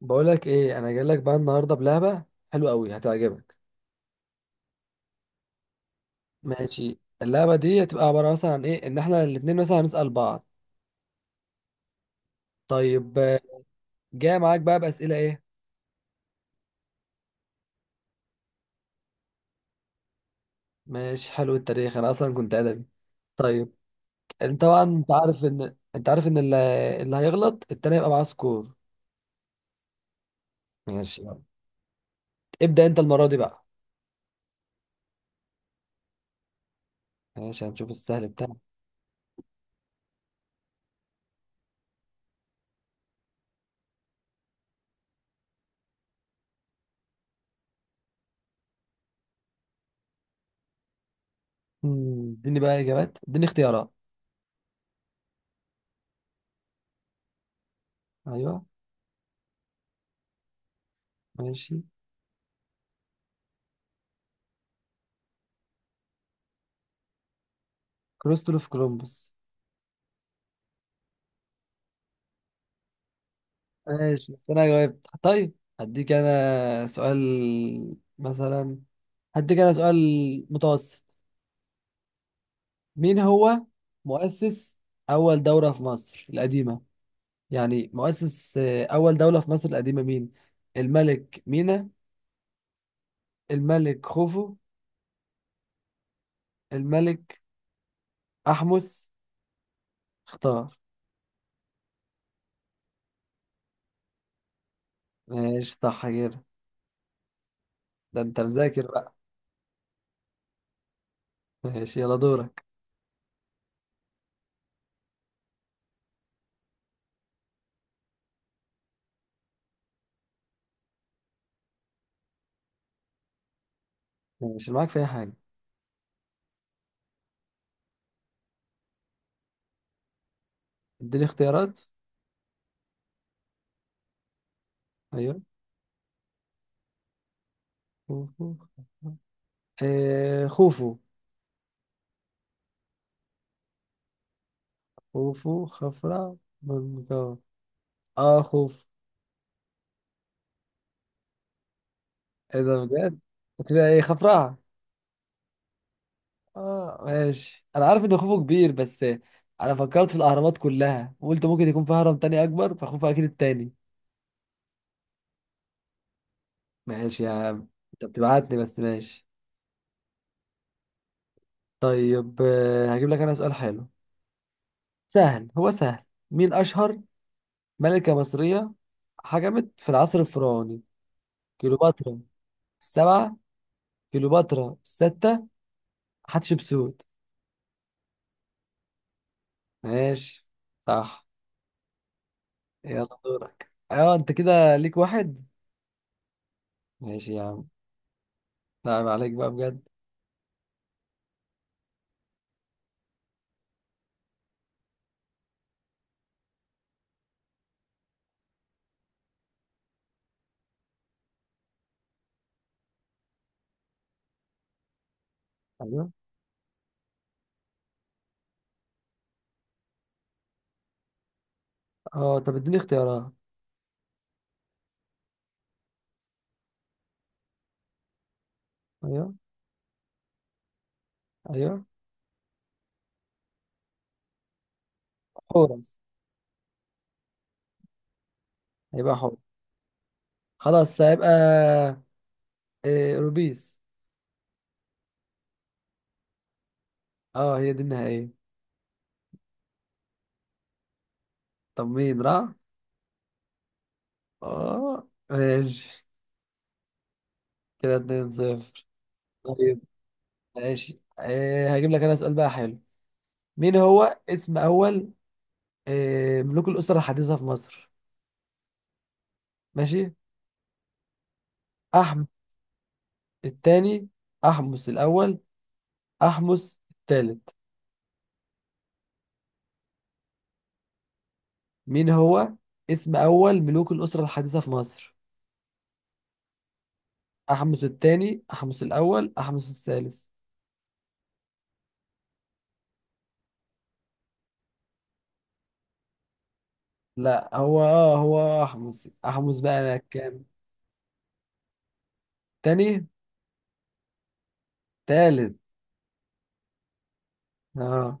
بقولك ايه؟ انا جاي لك بقى النهارده بلعبه حلوه قوي، هتعجبك. ماشي، اللعبه دي هتبقى عباره مثلا عن ايه؟ ان احنا الاتنين مثلا هنسال بعض. طيب جاي معاك بقى باسئله ايه. ماشي، حلو التاريخ، انا اصلا كنت ادبي. طيب، انت طبعا انت عارف ان اللي هيغلط التاني يبقى معاه سكور. ماشي يلا. ابدا انت المره دي بقى. ماشي، هنشوف السهل بتاعك. اديني بقى اجابات، اديني اختيارات. ايوه. ماشي. كريستوف كولومبوس. ماشي بس انا جاوبت. طيب، هديك انا سؤال مثلا، هديك انا سؤال متوسط. مين هو مؤسس اول دولة في مصر القديمة؟ يعني مؤسس اول دولة في مصر القديمة مين؟ الملك مينا، الملك خوفو، الملك احمس. اختار. ماشي صح كده، ده انت مذاكر بقى. ماشي يلا دورك. ماشي معاك في اي حاجة. اديني اختيارات. ايوه. خوفو. خوفو. خوفو، خفرع، منقار. اه خوف. ايه ده بجد؟ هتبقى ايه؟ خفرع. اه ماشي، انا عارف ان خوفو كبير، بس انا فكرت في الاهرامات كلها وقلت ممكن يكون في هرم تاني اكبر، فخوفو اكيد التاني. ماشي يا عم. انت بتبعتني بس، ماشي. طيب هجيب لك انا سؤال حلو سهل، هو سهل. مين اشهر ملكة مصرية حكمت في العصر الفرعوني؟ كليوباترا السبعة، كليوباترا الستة، حتشبسوت. ماشي صح. يلا دورك. اه انت كده ليك واحد. ماشي يا عم. نعم، عليك بقى بجد. ايوه. اه طب اديني اختيارات. ايوه، ايوه. حورس، هيبقى حورس. خلاص هيبقى إيه؟ روبيس. اه هي دي النهائية. طب مين؟ راح. اه ماشي، كده 2 0. طيب ماشي، إيه؟ هجيب لك انا سؤال بقى حلو. مين هو اسم اول إيه ملوك الاسرة الحديثة في مصر؟ ماشي. احمس الثاني، احمس الاول، احمس الثالث. مين هو اسم أول ملوك الأسرة الحديثة في مصر؟ أحمس الثاني، أحمس الأول، أحمس الثالث. لا هو هو أحمس. بقى أنا كام؟ تاني، تالت. آه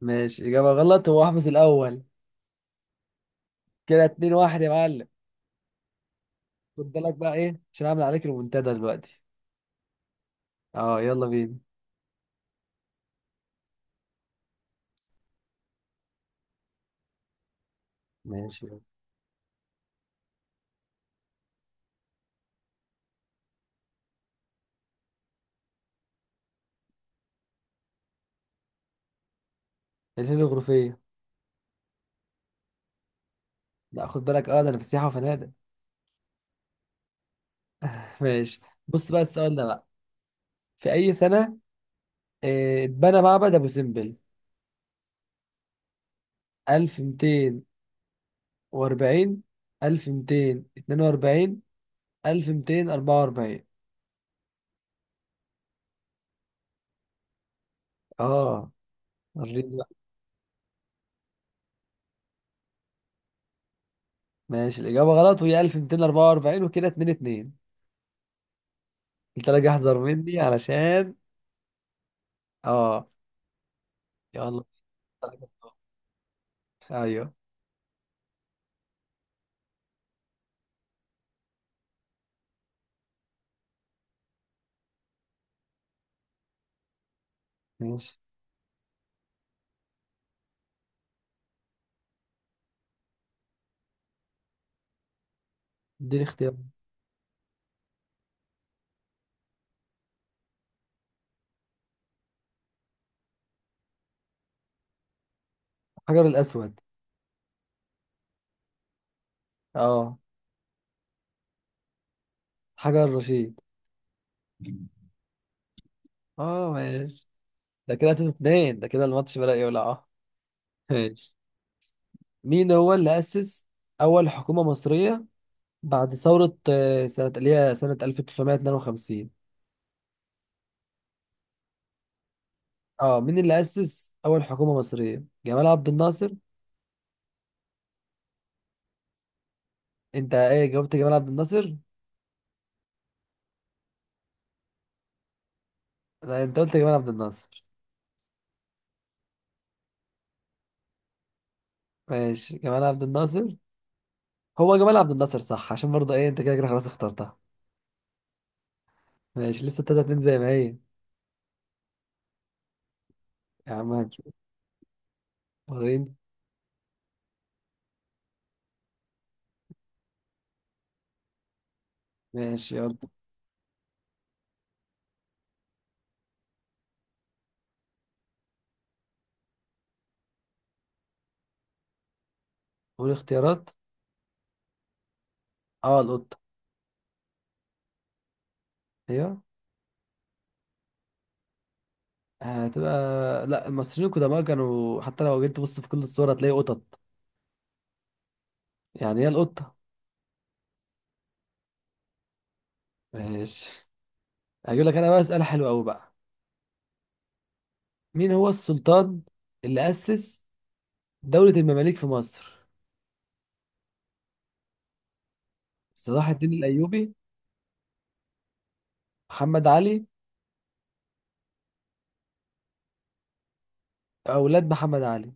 ماشي، إجابة غلط، هو أحمس الأول. كده اتنين واحد يا معلم. خد بالك بقى إيه، عشان أعمل عليك المنتدى دلوقتي. آه يلا بينا. ماشي. الهيل الغرفية. لا خد بالك، ده أنا في سياحة وفنادق. ماشي. بص بقى السؤال ده بقى. في أي سنة اتبنى معبد أبو سمبل؟ 1200 وأربعين، ألف ميتين اتنين وأربعين، ألف ميتين أربعة وأربعين. اه وريني بقى. ماشي، الإجابة غلط، وهي ألف ميتين أربعة وأربعين، وكده اتنين اتنين. قلت لك احذر مني علشان. اه يلا. أيوه. ماشي. اديني اختيار. حجر الأسود. اه حجر الرشيد. اه ماشي، ده كده تلاتة اتنين، ده كده الماتش بدأ يولع. اه ماشي. مين هو اللي أسس أول حكومة مصرية بعد ثورة سنة اللي هي سنة 1952؟ اه مين اللي أسس أول حكومة مصرية؟ جمال عبد الناصر. أنت إيه جاوبت؟ جمال عبد الناصر؟ لا أنت قلت جمال عبد الناصر. ماشي، جمال عبد الناصر، هو جمال عبد الناصر صح، عشان برضه إيه أنت كده كده خلاص اخترتها. ماشي لسه تلاتة اتنين زي ما هي. يا عم هنشوف. وريني. ماشي يلا. قول اختيارات. اه القطة. أيوه. هتبقى لا، المصريين القدماء كانوا حتى لو جيت تبص في كل الصور هتلاقي قطط، يعني هي القطة. ماشي. هجيب لك أنا بقى سؤال حلو أوي بقى. مين هو السلطان اللي أسس دولة المماليك في مصر؟ صلاح الدين الأيوبي، محمد علي، أولاد محمد علي.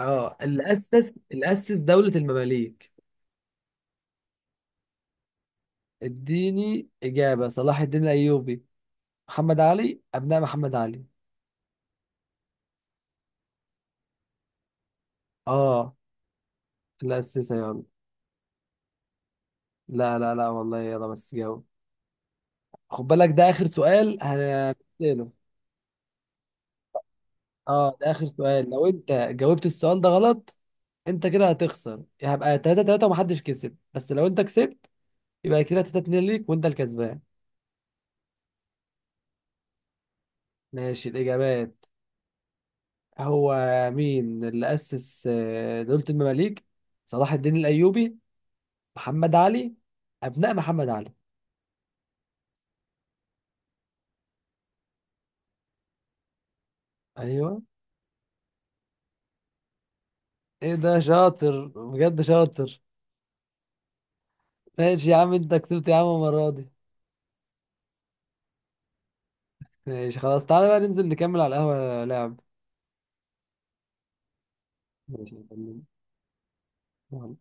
اه اللي أسس دولة المماليك. اديني إجابة. صلاح الدين الأيوبي، محمد علي، أبناء محمد علي. اه اللي أسسها يلا. لا لا لا والله، يلا بس جاوب. خد بالك، ده آخر سؤال هنسأله. اه ده آخر سؤال، لو أنت جاوبت السؤال ده غلط، أنت كده هتخسر، هبقى 3 3 ومحدش كسب. بس لو أنت كسبت، يبقى كده 3 2 ليك، وأنت الكسبان. ماشي الإجابات. هو مين اللي أسس دولة المماليك؟ صلاح الدين الأيوبي، محمد علي، أبناء محمد علي. أيوه. إيه ده؟ شاطر بجد، شاطر. ماشي يا عم، أنت كسبت يا عم المرة دي. ماشي خلاص، تعالى بقى ننزل نكمل على القهوة لعب. ماشي يا فندم. يلا.